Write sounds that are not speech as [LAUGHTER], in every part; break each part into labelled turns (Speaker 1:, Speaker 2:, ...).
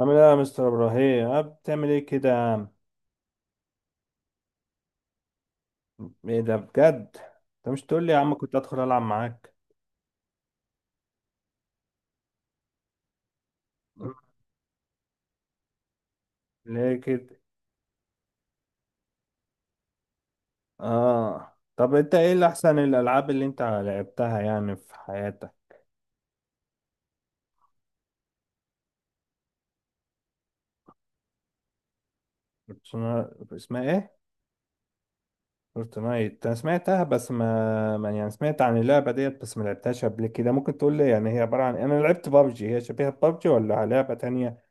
Speaker 1: عامل ايه يا مستر ابراهيم؟ اه بتعمل ايه كده يا عم؟ ايه ده بجد؟ انت مش تقول لي يا عم كنت ادخل العب معاك. ليه كده؟ اه طب انت ايه اللي احسن الالعاب اللي انت لعبتها يعني في حياتك؟ اسمها ايه؟ فورتنايت، انا سمعتها بس يعني سمعت عن اللعبه ديت بس ما لعبتهاش قبل كده. ممكن تقول لي يعني هي عباره عن، انا لعبت بابجي، هي شبيهه ببجي ولا لعبه تانية؟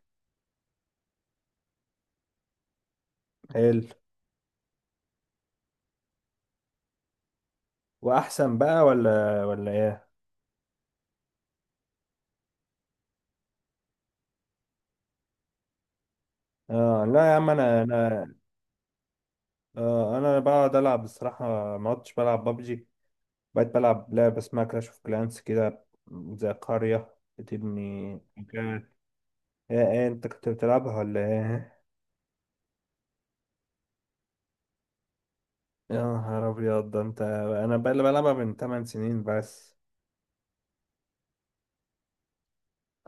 Speaker 1: حلو. واحسن بقى ولا ايه؟ اه لا يا عم، انا انا بقعد العب بصراحه. ما عدتش بلعب بابجي. بقيت بلعب لعبه اسمها كلاش اوف كلانس كده. زي قريه بتبني مكان. ايه إيه، انت كنت بتلعبها ولا ايه؟ يا نهار ابيض، ده انت. انا بقى اللي بلعبها من 8 سنين بس.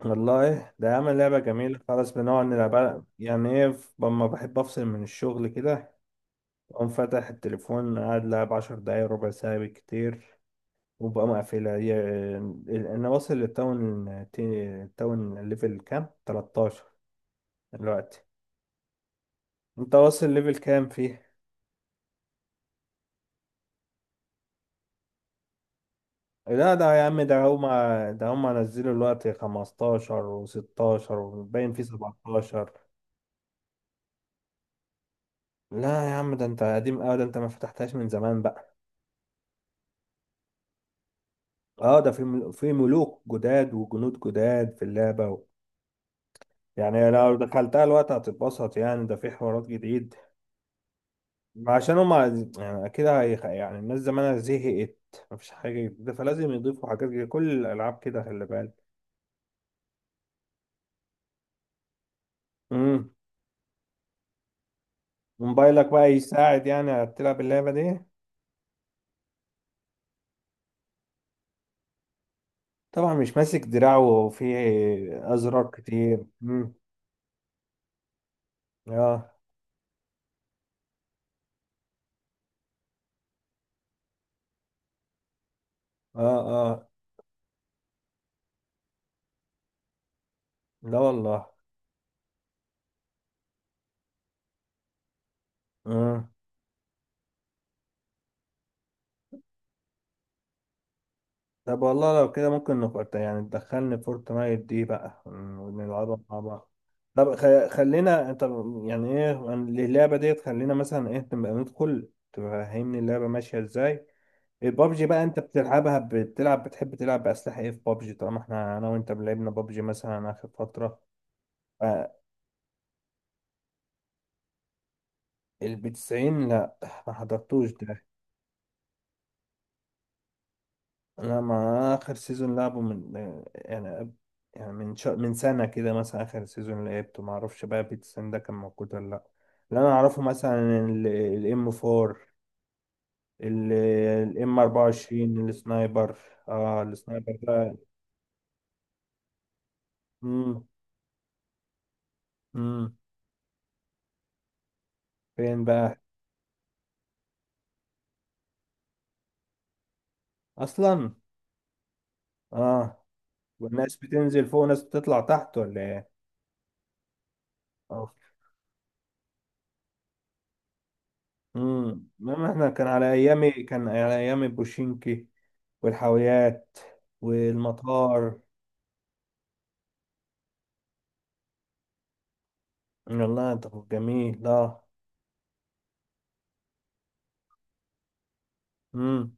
Speaker 1: والله ده عامل لعبه جميله، خلاص بنقعد نلعبها يعني. ايه، لما بحب افصل من الشغل كده، اقوم فاتح التليفون قاعد لعب 10 دقايق، ربع ساعه بالكتير وبقى مقفلة هي. أنا واصل للتاون التاون ليفل كام؟ 13 دلوقتي. أنت واصل ليفل كام فيه؟ لا ده يا عم، ده هما نزلوا دلوقتي 15 و16 وباين فيه 17. لا يا عم، ده انت قديم قوي، ده انت ما فتحتهاش من زمان بقى. اه ده في ملوك جداد وجنود جداد في اللعبة و... يعني لو دخلتها الوقت هتتبسط يعني، ده في حوارات جديد. ما عشان هما يعني كده يعني الناس زمانها زهقت. مفيش حاجة جديدة، فلازم يضيفوا حاجات جديدة. كل الألعاب كده، خلي بالك. امم. موبايلك بقى يساعد يعني تلعب اللعبة دي؟ طبعا مش ماسك دراعه وفيه أزرار كتير. امم. اه. اه. اه لا والله. طب والله لو كده ممكن نفورت يعني، تدخلني فورتنايت دي بقى ونلعبها مع بعض. طب خلينا انت، يعني ايه اللعبة ديت، خلينا مثلا ايه نبقى ندخل تفهمني اللعبة ماشية ازاي. البابجي بقى انت بتلعبها، بتلعب، بتحب تلعب بأسلحة ايه في بابجي، طالما احنا انا وانت لعبنا بابجي مثلا اخر فترة. ف- البي 90؟ لا، ما حضرتوش ده. انا مع اخر سيزون لعبه من، يعني قبل- يعني من سنه كده مثلا اخر سيزون لعبته، ما اعرفش بقى بيتسن ده كان موجود ولا لا. اللي انا اعرفه مثلا الام 4، الام 24 السنايبر. اه السنايبر ده. امم. امم. فين بقى؟ اصلا. اه. والناس بتنزل فوق وناس بتطلع تحت ولا ايه؟ اه. انما احنا كان على ايامي، كان على ايامي بوشينكي والحاويات والمطار. والله طب جميل، اه. امم.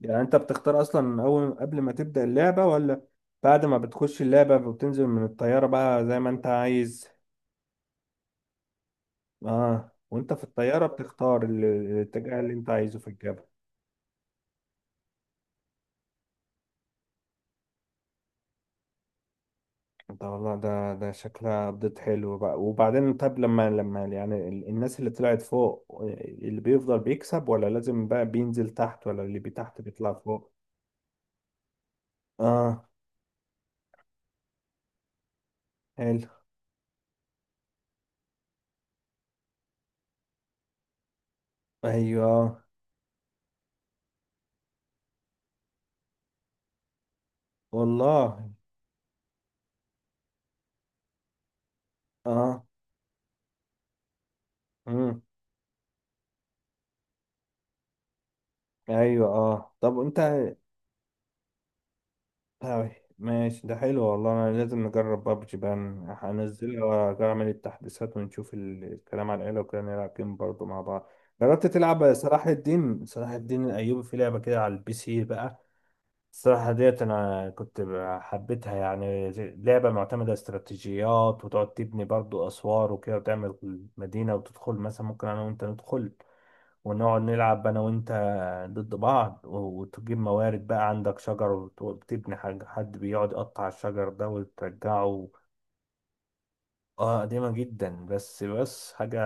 Speaker 1: يعني انت بتختار اصلا من اول قبل ما تبدأ اللعبة، ولا بعد ما بتخش اللعبة وبتنزل من الطيارة بقى زي ما انت عايز؟ اه، وانت في الطيارة بتختار الاتجاه اللي انت عايزه في الجبل. ده والله ده شكلها ابديت حلو بقى. وبعدين طب لما يعني الناس اللي طلعت فوق اللي بيفضل بيكسب، ولا لازم بقى بينزل تحت، ولا اللي تحت بيطلع فوق؟ اه. حلو. ايوه. والله. اه. مم. ايوه. اه طب انت. أوي. ماشي، ده حلو والله. انا لازم نجرب بابجي بقى. هنزلها واعمل التحديثات ونشوف الكلام، على العيله وكده نلعب جيم برضه مع بعض. جربت تلعب صلاح الدين الايوبي، في لعبه كده على البي سي بقى. الصراحه ديت انا كنت حبيتها يعني، لعبه معتمده استراتيجيات، وتقعد تبني برضه اسوار وكده، وتعمل مدينه. وتدخل مثلا، ممكن انا وانت ندخل ونقعد نلعب انا وانت ضد بعض، وتجيب موارد، بقى عندك شجر، وتبني حاجة، حد بيقعد يقطع الشجر ده وترجعه. اه قديمة جدا، بس حاجة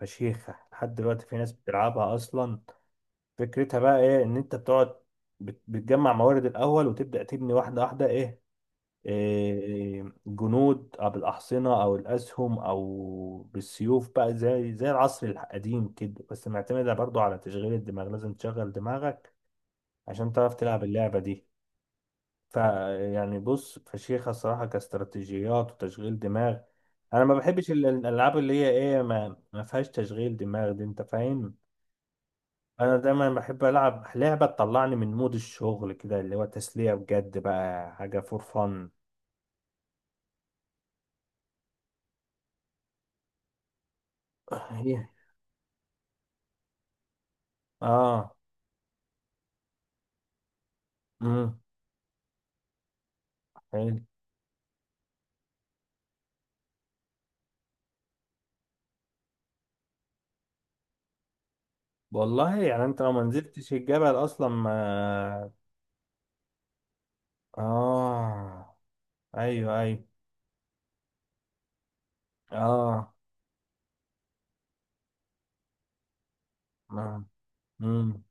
Speaker 1: فشيخة لحد دلوقتي، في ناس بتلعبها اصلا. فكرتها بقى ايه، ان انت بتقعد بتجمع موارد الاول، وتبدأ تبني واحدة واحدة، ايه، جنود أو بالأحصنة أو الأسهم أو بالسيوف، بقى زي العصر القديم كده. بس معتمدة برضو على تشغيل الدماغ، لازم تشغل دماغك عشان تعرف تلعب اللعبة دي. فيعني بص، فشيخة الصراحة كاستراتيجيات وتشغيل دماغ. أنا ما بحبش الألعاب اللي هي ما فيهاش تشغيل دماغ دي، أنت فاهم. أنا دايما بحب ألعب لعبة تطلعني من مود الشغل كده، اللي هو تسلية بجد بقى، حاجة فور فن. [LAUGHS] اه. مم. حلو. والله يعني انت لو ما نزلتش الجبل اصلا ما... اه. ايوه ايوه. اه. ما. امم.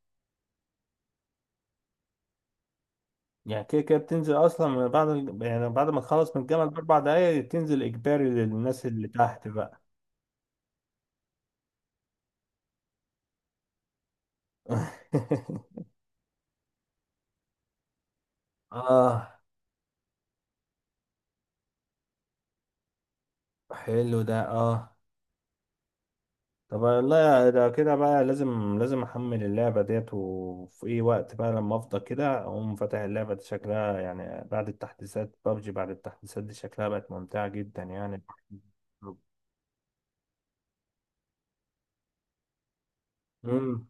Speaker 1: يعني كده كده بتنزل اصلا من بعد يعني بعد ما تخلص من الجبل ب4 دقايق، تنزل اجباري للناس اللي تحت بقى. [LAUGHS] اه، حلو ده، اه. طب والله ده كده بقى لازم لازم احمل اللعبة ديت. وفي اي وقت بقى لما افضى كده، اقوم فاتح اللعبة. دي شكلها يعني بعد التحديثات، بابجي بعد التحديثات دي شكلها بقت ممتعة جدا يعني. امم.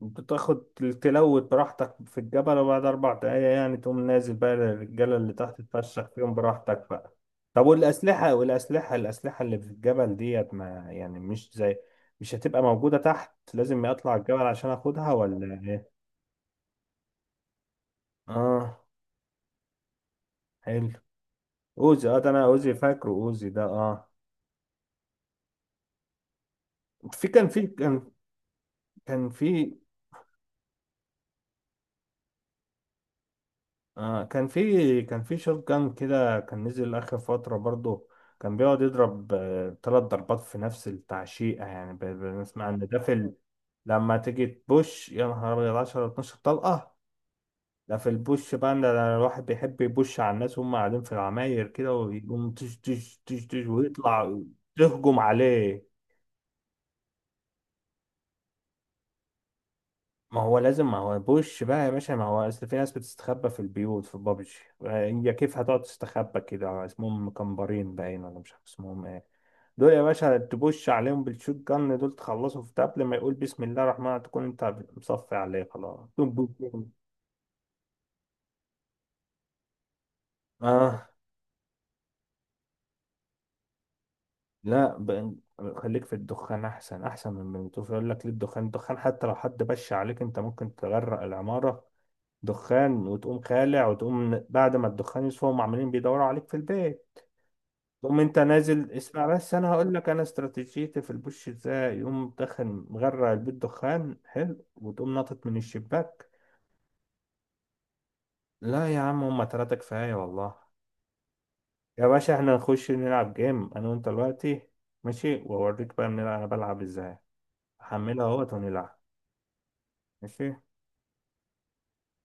Speaker 1: بتاخد، تلوت براحتك في الجبل، وبعد اربع دقايق يعني تقوم نازل بقى للرجالة اللي تحت تفشخ فيهم براحتك بقى. طب والاسلحة، الاسلحة اللي في الجبل ديت، ما يعني مش زي، مش هتبقى موجودة تحت، لازم اطلع الجبل عشان اخدها ولا ايه؟ اه. حلو. اوزي، اه، ده انا اوزي فاكره، اوزي ده اه. في كان. كان في. كان في شوت جان كده، كان نزل اخر فترة برضه. كان بيقعد يضرب 3 ضربات في نفس التعشيقة، يعني بنسمع ان ده في لما تيجي تبوش يا نهار ابيض 10 12 طلقة. ده في البوش بقى، ان ده الواحد بيحب يبوش على الناس وهم قاعدين في العماير كده، ويقوم تش تش تش تش ويطلع. تهجم عليه. ما هو بوش بقى يا باشا، ما هو اصل في ناس بتستخبى في البيوت في بابجي. هي كيف هتقعد تستخبى كده؟ اسمهم مكمبرين، باين، ولا مش عارف اسمهم ايه. دول يا باشا تبوش عليهم بالشوت جن، دول تخلصوا في قبل ما يقول بسم الله الرحمن الرحيم تكون انت مصفي عليه خلاص، بوم بوم بوم. اه. لا، خليك في الدخان احسن، احسن من الموتوف. يقول لك ليه الدخان، حتى لو حد بش عليك انت ممكن تغرق العمارة دخان، وتقوم خالع، وتقوم بعد ما الدخان يصفى هم عمالين بيدوروا عليك في البيت، تقوم انت نازل. اسمع بس، انا هقول لك انا استراتيجيتي في البوش ازاي، يقوم مدخن مغرق البيت دخان حلو، وتقوم ناطط من الشباك. لا يا عم، هما تلاتة كفاية والله. يا باشا، احنا نخش نلعب جيم انا وانت دلوقتي. ماشي، واوريك بقى بنلعب انا بلعب ازاي. هحملها اهوت ونلعب. ماشي.